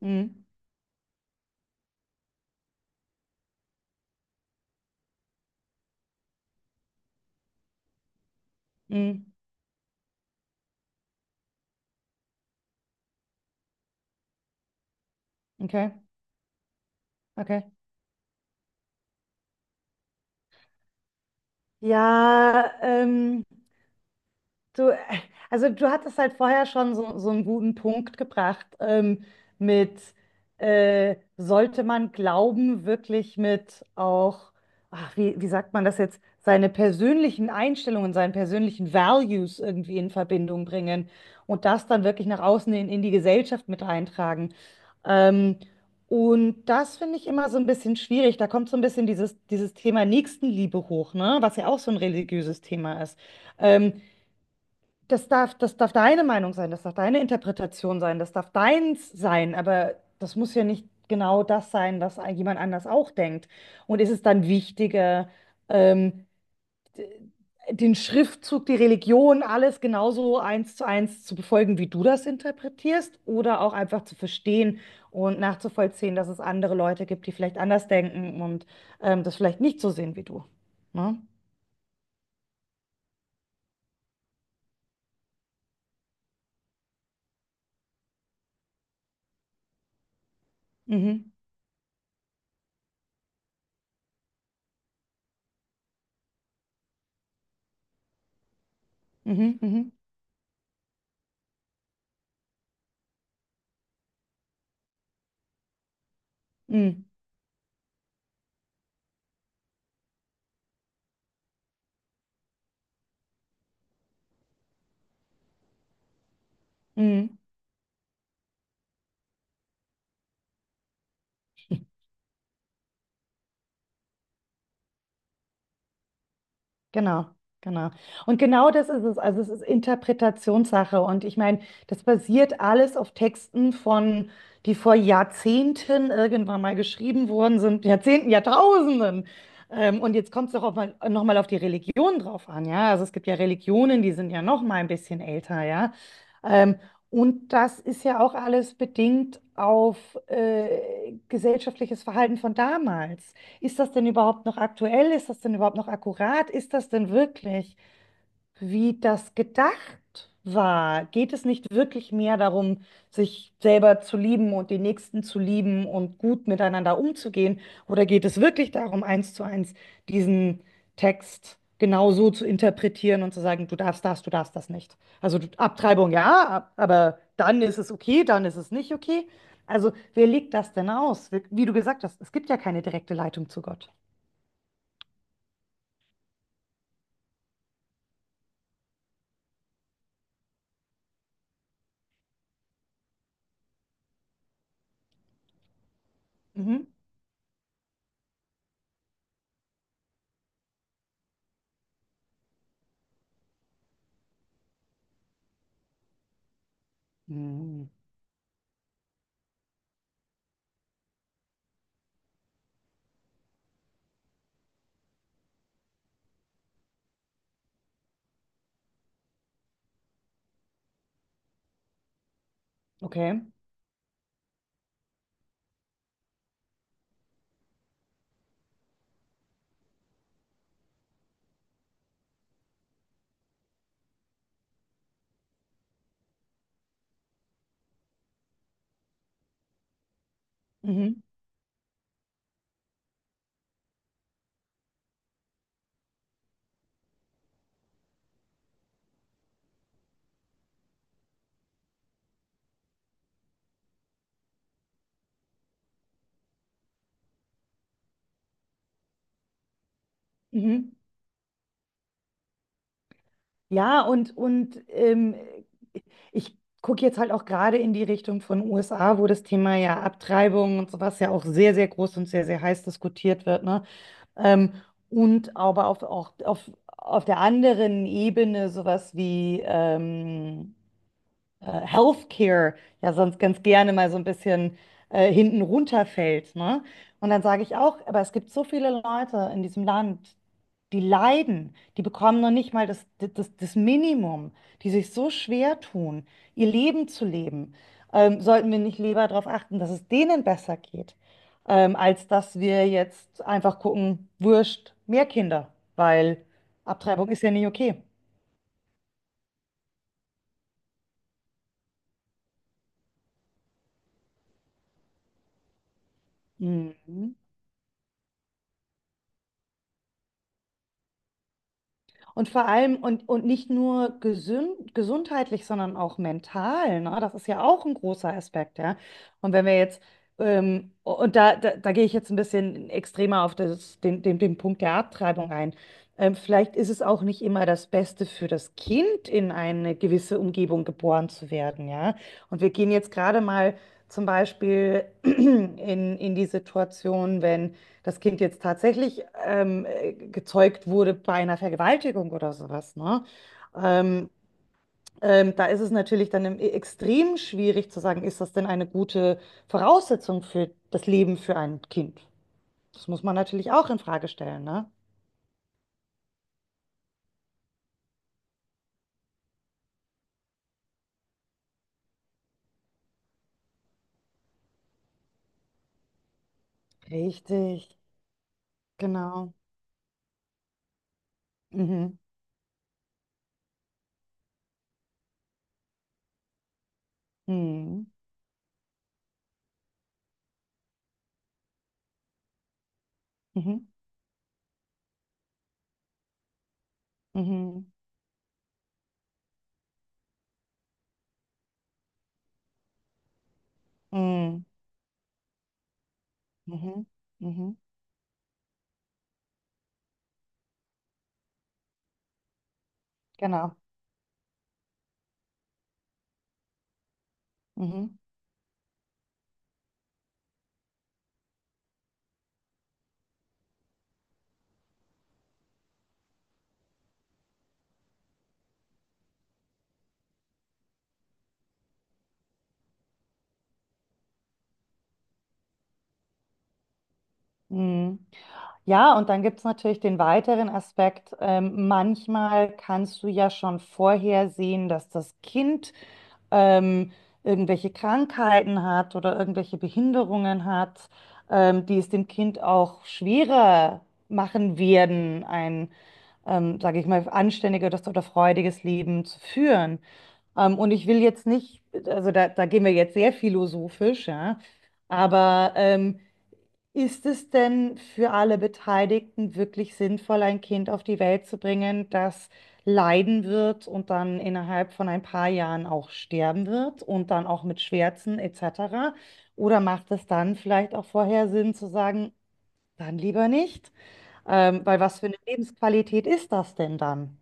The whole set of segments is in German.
Mhm. Mhm. Okay, okay. Ja, du, also du hattest halt vorher schon so, so einen guten Punkt gebracht, mit sollte man Glauben wirklich mit auch, ach, wie sagt man das jetzt, seine persönlichen Einstellungen, seinen persönlichen Values irgendwie in Verbindung bringen und das dann wirklich nach außen in die Gesellschaft mit eintragen. Ähm, und das finde ich immer so ein bisschen schwierig. Da kommt so ein bisschen dieses Thema Nächstenliebe hoch, ne? Was ja auch so ein religiöses Thema ist. Ähm, das darf deine Meinung sein, das darf deine Interpretation sein, das darf deins sein, aber das muss ja nicht genau das sein, was jemand anders auch denkt. Und ist es dann wichtiger, ähm, d- den Schriftzug, die Religion, alles genauso eins zu befolgen, wie du das interpretierst, oder auch einfach zu verstehen und nachzuvollziehen, dass es andere Leute gibt, die vielleicht anders denken und das vielleicht nicht so sehen wie du. Ne? Mhm. Mhm. Mhm. Mhm. Mhm. Mhm. Genau, genau. Und genau das ist es. Also es ist Interpretationssache. Und ich meine, das basiert alles auf Texten von, die vor Jahrzehnten irgendwann mal geschrieben worden sind, Jahrzehnten, Jahrtausenden. Und jetzt kommt es doch auch mal, noch mal auf die Religion drauf an, ja. Also es gibt ja Religionen, die sind ja noch mal ein bisschen älter, ja. Ähm, und das ist ja auch alles bedingt auf gesellschaftliches Verhalten von damals. Ist das denn überhaupt noch aktuell? Ist das denn überhaupt noch akkurat? Ist das denn wirklich, wie das gedacht war? Geht es nicht wirklich mehr darum, sich selber zu lieben und den Nächsten zu lieben und gut miteinander umzugehen? Oder geht es wirklich darum, eins zu eins diesen Text genau so zu interpretieren und zu sagen, du darfst das nicht? Also Abtreibung ja, aber dann ist es okay, dann ist es nicht okay. Also wer legt das denn aus? Wie du gesagt hast, es gibt ja keine direkte Leitung zu Gott. Mhm. Mhm. Okay. Mhm. Mhm. Ja, und ich gucke jetzt halt auch gerade in die Richtung von USA, wo das Thema ja Abtreibung und sowas ja auch sehr, sehr groß und sehr, sehr heiß diskutiert wird, ne? Ähm, und aber auf der anderen Ebene sowas wie Healthcare ja sonst ganz gerne mal so ein bisschen hinten runterfällt, ne? Und dann sage ich auch, aber es gibt so viele Leute in diesem Land, die leiden, die bekommen noch nicht mal das Minimum, die sich so schwer tun, ihr Leben zu leben. Sollten wir nicht lieber darauf achten, dass es denen besser geht, als dass wir jetzt einfach gucken, wurscht, mehr Kinder, weil Abtreibung ist ja nicht okay. Mhm. Und vor allem, und nicht nur gesundheitlich, sondern auch mental, ne? Das ist ja auch ein großer Aspekt, ja. Und wenn wir jetzt, und da gehe ich jetzt ein bisschen extremer auf den Punkt der Abtreibung ein. Vielleicht ist es auch nicht immer das Beste für das Kind, in eine gewisse Umgebung geboren zu werden, ja. Und wir gehen jetzt gerade mal zum Beispiel in die Situation, wenn das Kind jetzt tatsächlich gezeugt wurde bei einer Vergewaltigung oder sowas, ne? Ähm, da ist es natürlich dann extrem schwierig zu sagen, ist das denn eine gute Voraussetzung für das Leben für ein Kind? Das muss man natürlich auch in Frage stellen, ne? Richtig, genau. Mhm. Mhm. Mhm. Mhm. Mhm. Mhm. Mhm. Genau. Mhm. Mhm. Ja, und dann gibt es natürlich den weiteren Aspekt. Manchmal kannst du ja schon vorher sehen, dass das Kind ähm, irgendwelche Krankheiten hat oder irgendwelche Behinderungen hat, die es dem Kind auch schwerer machen werden, sage ich mal, anständiges oder freudiges Leben zu führen. Und ich will jetzt nicht, also da gehen wir jetzt sehr philosophisch, ja, aber ist es denn für alle Beteiligten wirklich sinnvoll, ein Kind auf die Welt zu bringen, das leiden wird und dann innerhalb von ein paar Jahren auch sterben wird und dann auch mit Schmerzen etc.? Oder macht es dann vielleicht auch vorher Sinn zu sagen, dann lieber nicht? Weil was für eine Lebensqualität ist das denn dann?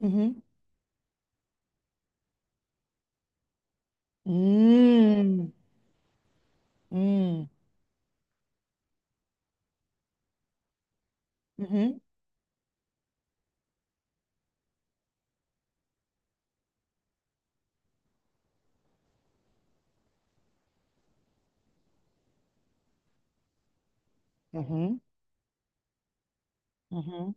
Mhm. Mm, mm, mhm, mhm, mhm,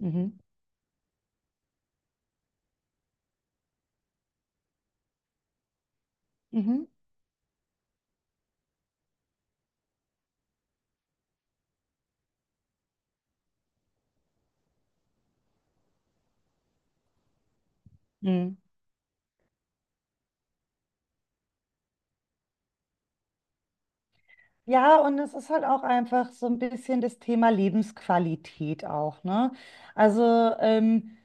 mhm, mhm, mhm. Mm. Ja, und es ist halt auch einfach so ein bisschen das Thema Lebensqualität auch, ne? Also ähm,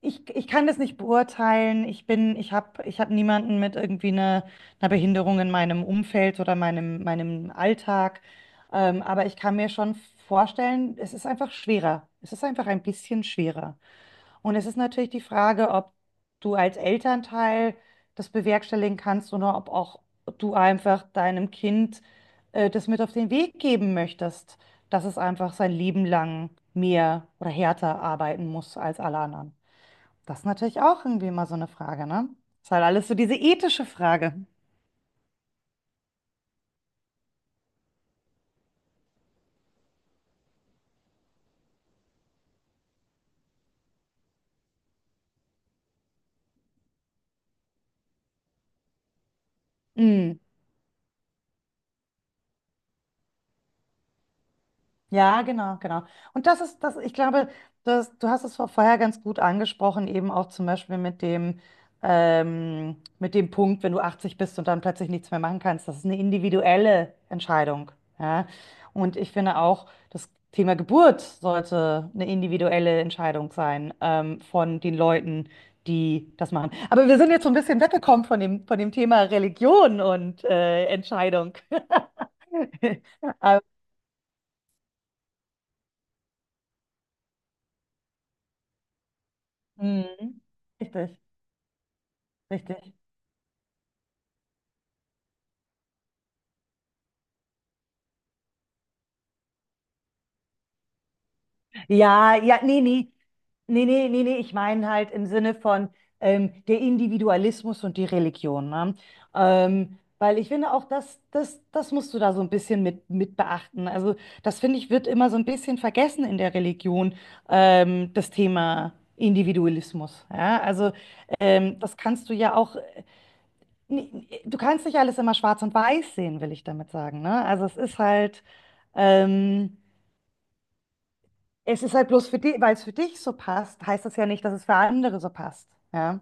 ich kann das nicht beurteilen. Ich habe niemanden mit irgendwie einer Behinderung in meinem Umfeld oder meinem Alltag. Aber ich kann mir schon vorstellen, es ist einfach schwerer. Es ist einfach ein bisschen schwerer. Und es ist natürlich die Frage, ob du als Elternteil das bewerkstelligen kannst oder ob auch du einfach deinem Kind das mit auf den Weg geben möchtest, dass es einfach sein Leben lang mehr oder härter arbeiten muss als alle anderen. Das ist natürlich auch irgendwie mal so eine Frage, ne? Ist halt alles so diese ethische Frage. Mm. Ja, genau, genau. Und das ist das, ich glaube, das, du hast es vorher ganz gut angesprochen, eben auch zum Beispiel mit dem Punkt, wenn du 80 bist und dann plötzlich nichts mehr machen kannst. Das ist eine individuelle Entscheidung. Ja? Und ich finde auch, das Thema Geburt sollte eine individuelle Entscheidung sein, von den Leuten, die das machen. Aber wir sind jetzt so ein bisschen weggekommen von dem Thema Religion und Entscheidung. Aber, mhm. Richtig. Richtig. Ja, ja, nee, nee. Nee, nee, nee, nee. Ich meine halt im Sinne von der Individualismus und die Religion, ne? Weil ich finde auch, das musst du da so ein bisschen mit beachten. Also, das finde ich, wird immer so ein bisschen vergessen in der Religion, das Thema Individualismus. Ja? Also, das kannst du ja auch, nee, du kannst nicht alles immer schwarz und weiß sehen, will ich damit sagen, ne? Also, es ist halt. Ähm, Es ist halt bloß für dich, weil es für dich so passt, heißt das ja nicht, dass es für andere so passt. Ja.